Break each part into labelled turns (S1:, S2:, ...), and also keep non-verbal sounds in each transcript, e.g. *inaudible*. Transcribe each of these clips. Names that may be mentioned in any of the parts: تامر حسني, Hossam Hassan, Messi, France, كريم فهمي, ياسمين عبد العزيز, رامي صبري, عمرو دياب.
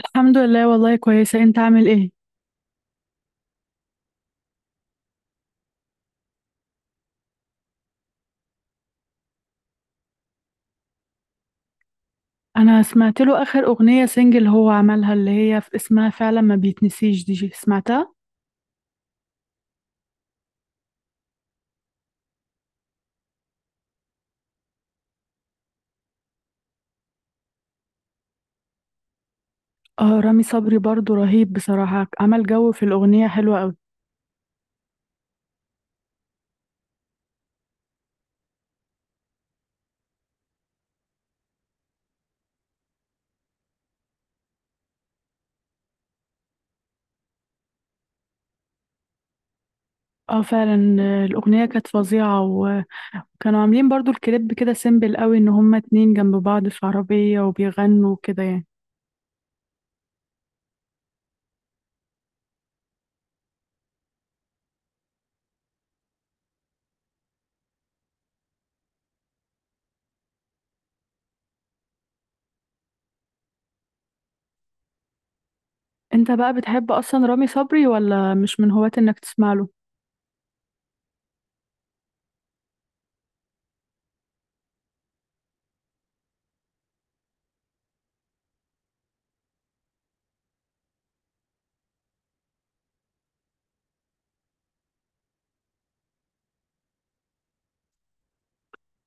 S1: الحمد لله، والله كويسة. انت عامل ايه؟ انا سمعت له اخر اغنية سنجل هو عملها اللي هي في اسمها فعلا ما بيتنسيش دي جي. سمعتها؟ اه، رامي صبري برضو رهيب بصراحة، عمل جو في الاغنية حلوة قوي. اه فعلا، الاغنية كانت فظيعة، وكانوا عاملين برضو الكليب كده سيمبل قوي، ان هما اتنين جنب بعض في عربية وبيغنوا كده يعني. انت بقى بتحب اصلا رامي صبري ولا مش من هواة انك تسمع له؟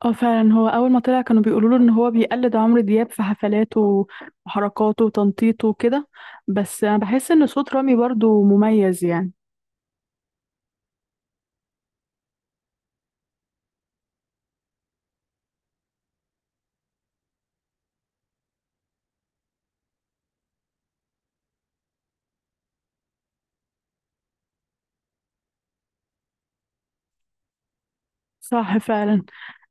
S1: اه فعلا، هو اول ما طلع كانوا بيقولوا له ان هو بيقلد عمرو دياب في حفلاته وحركاته وتنطيطه وكده. بس انا بحس ان صوت رامي برضو مميز يعني. صح فعلا.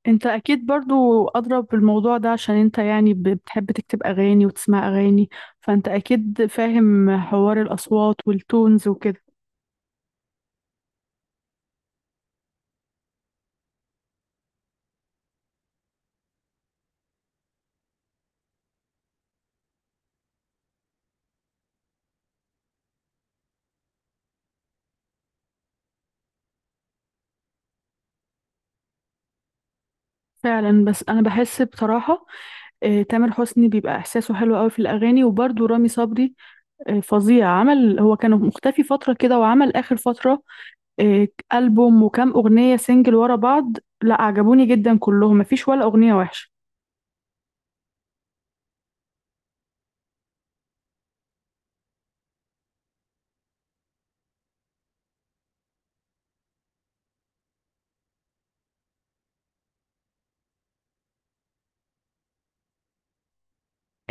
S1: انت اكيد برضو اضرب بالموضوع ده عشان انت يعني بتحب تكتب اغاني وتسمع اغاني، فانت اكيد فاهم حوار الاصوات والتونز وكده. فعلا. بس انا بحس بصراحة تامر حسني بيبقى احساسه حلو قوي في الاغاني، وبرضو رامي صبري فظيع. عمل هو كان مختفي فترة كده، وعمل اخر فترة ألبوم وكام أغنية سنجل ورا بعض. لا، عجبوني جدا كلهم، مفيش ولا أغنية وحشة.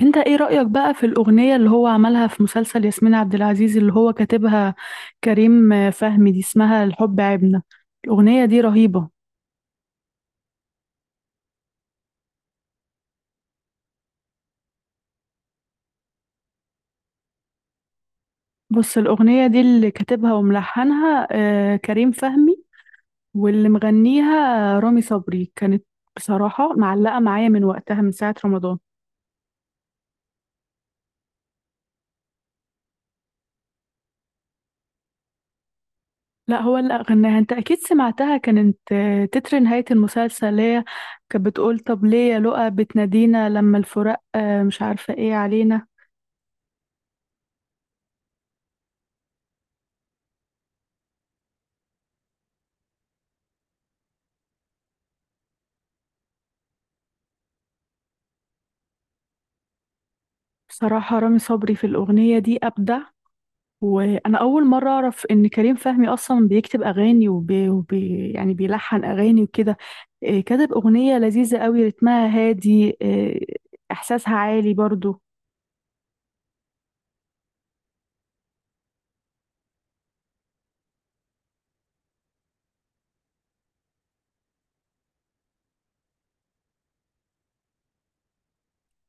S1: انت ايه رأيك بقى في الأغنية اللي هو عملها في مسلسل ياسمين عبد العزيز، اللي هو كاتبها كريم فهمي، دي اسمها الحب عيبنا؟ الأغنية دي رهيبة. بص، الأغنية دي اللي كاتبها وملحنها كريم فهمي، واللي مغنيها رامي صبري. كانت بصراحة معلقة معايا من وقتها، من ساعة رمضان. لا، هو اللي غناها. انت اكيد سمعتها، كانت تتر نهاية المسلسل، اللي هي كانت بتقول طب ليه يا لؤى بتنادينا لما الفراق مش عارفة ايه علينا. بصراحة رامي صبري في الأغنية دي أبدع. وأنا أول مرة أعرف إن كريم فهمي أصلا بيكتب أغاني، وبي وبي يعني بيلحن أغاني وكده. كتب أغنية لذيذة قوي، رتمها هادي، إحساسها عالي برضو.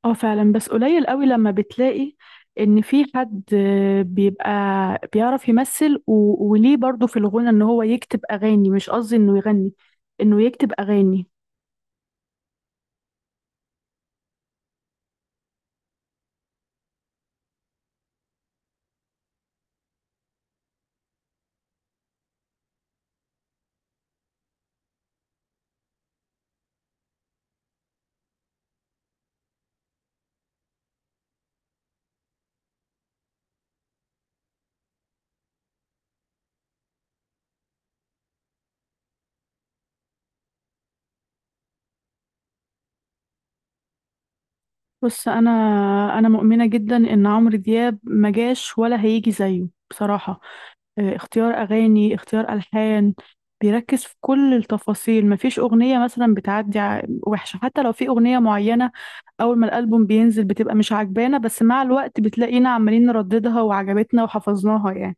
S1: اه فعلا، بس قليل قوي لما بتلاقي ان في حد بيبقى بيعرف يمثل و... وليه برضو في الغنى ان هو يكتب اغاني، مش قصدي انه يغني، انه يكتب اغاني. بص انا انا مؤمنة جدا ان عمرو دياب ما جاش ولا هيجي زيه بصراحة. اختيار أغاني، اختيار ألحان، بيركز في كل التفاصيل. مفيش أغنية مثلا بتعدي وحشة. حتى لو في أغنية معينة أول ما الألبوم بينزل بتبقى مش عجبانا، بس مع الوقت بتلاقينا عمالين نرددها وعجبتنا وحفظناها يعني.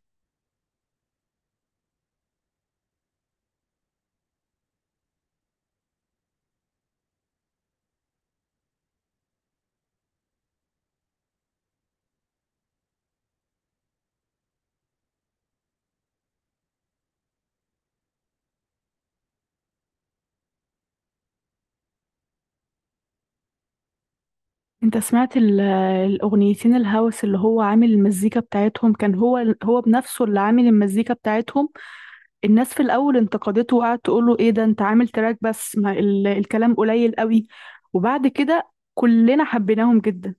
S1: انت سمعت الأغنيتين الهوس اللي هو عامل المزيكا بتاعتهم؟ كان هو بنفسه اللي عامل المزيكا بتاعتهم. الناس في الأول انتقدته وقعدت تقول له ايه ده انت عامل تراك بس ما الكلام قليل قوي، وبعد كده كلنا حبيناهم جدا.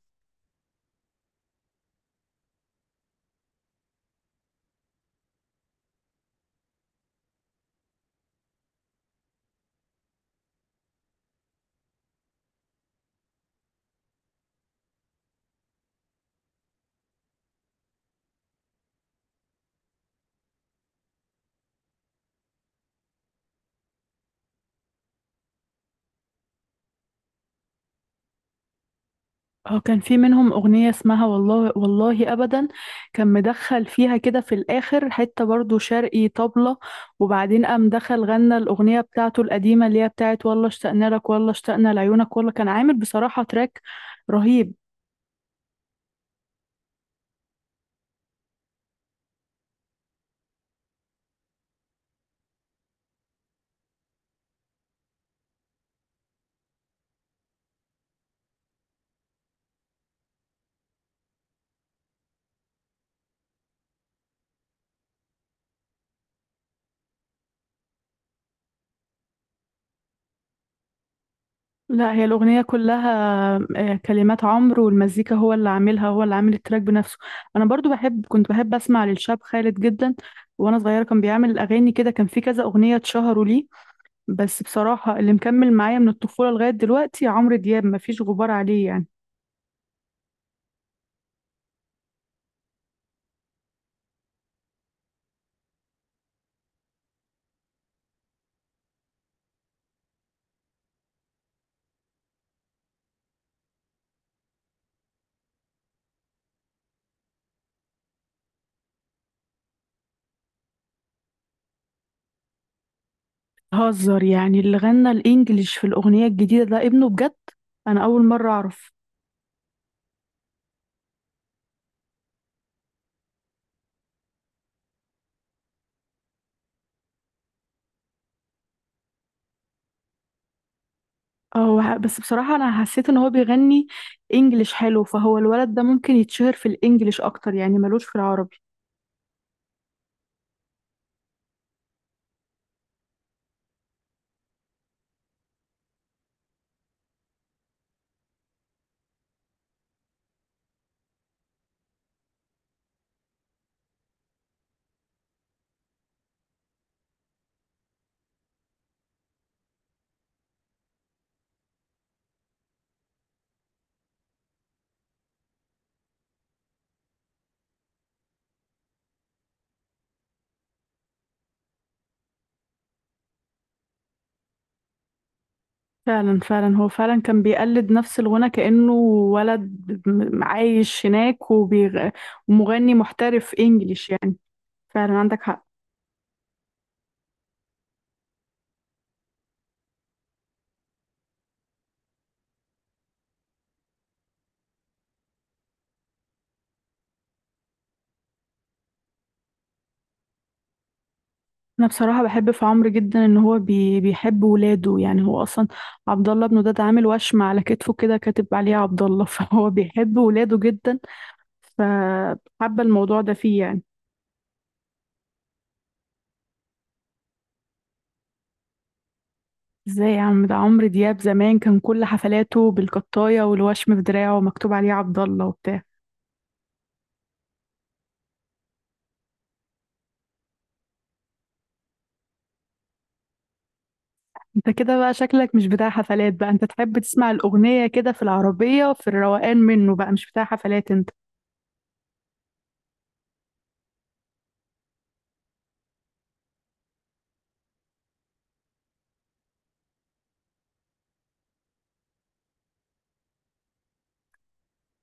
S1: اه، كان في منهم أغنية اسمها والله والله أبدا، كان مدخل فيها كده في الآخر حتة برضو شرقي طبلة، وبعدين قام دخل غنى الأغنية بتاعته القديمة اللي هي بتاعت والله اشتقنا لك، والله اشتقنا لعيونك. والله كان عامل بصراحة تراك رهيب. لا، هي الأغنية كلها كلمات عمرو، والمزيكا هو اللي عاملها، هو اللي عامل التراك بنفسه. أنا برضو بحب، كنت بحب أسمع للشاب خالد جدا وأنا صغيرة، كان بيعمل أغاني كده، كان في كذا أغنية اتشهروا ليه. بس بصراحة اللي مكمل معايا من الطفولة لغاية دلوقتي عمرو دياب، مفيش غبار عليه يعني. هزر يعني؟ اللي غنى الإنجليش في الأغنية الجديدة ده ابنه بجد؟ أنا أول مرة أعرف. اه بس بصراحة أنا حسيت إن هو بيغني إنجليش حلو، فهو الولد ده ممكن يتشهر في الإنجليش أكتر يعني، ملوش في العربي. فعلا فعلا، هو فعلا كان بيقلد نفس الغنى كأنه ولد عايش هناك وبيغ... ومغني محترف إنجليش يعني. فعلا عندك حق. انا بصراحه بحب في عمرو جدا ان هو بيحب ولاده. يعني هو اصلا عبد الله ابنه ده اتعامل وشم على كتفه كده كاتب عليه عبد الله *laughs* فهو بيحب ولاده جدا، فحابه الموضوع ده فيه يعني. ازاي يا عم؟ ده عمرو دياب زمان كان كل حفلاته بالقطايه، والوشم في دراعه ومكتوب عليه عبد الله وبتاع. انت كده بقى شكلك مش بتاع حفلات بقى، انت تحب تسمع الاغنيه كده في العربيه في الروقان منه بقى، مش بتاع حفلات انت.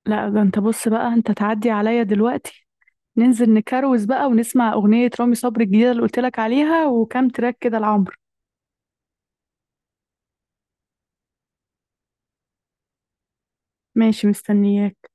S1: لا ده انت بص بقى، انت تعدي عليا دلوقتي، ننزل نكروز بقى ونسمع أغنية رامي صبري الجديدة اللي قلت لك عليها، وكام تراك كده لعمرو. ماشي، مستنياك.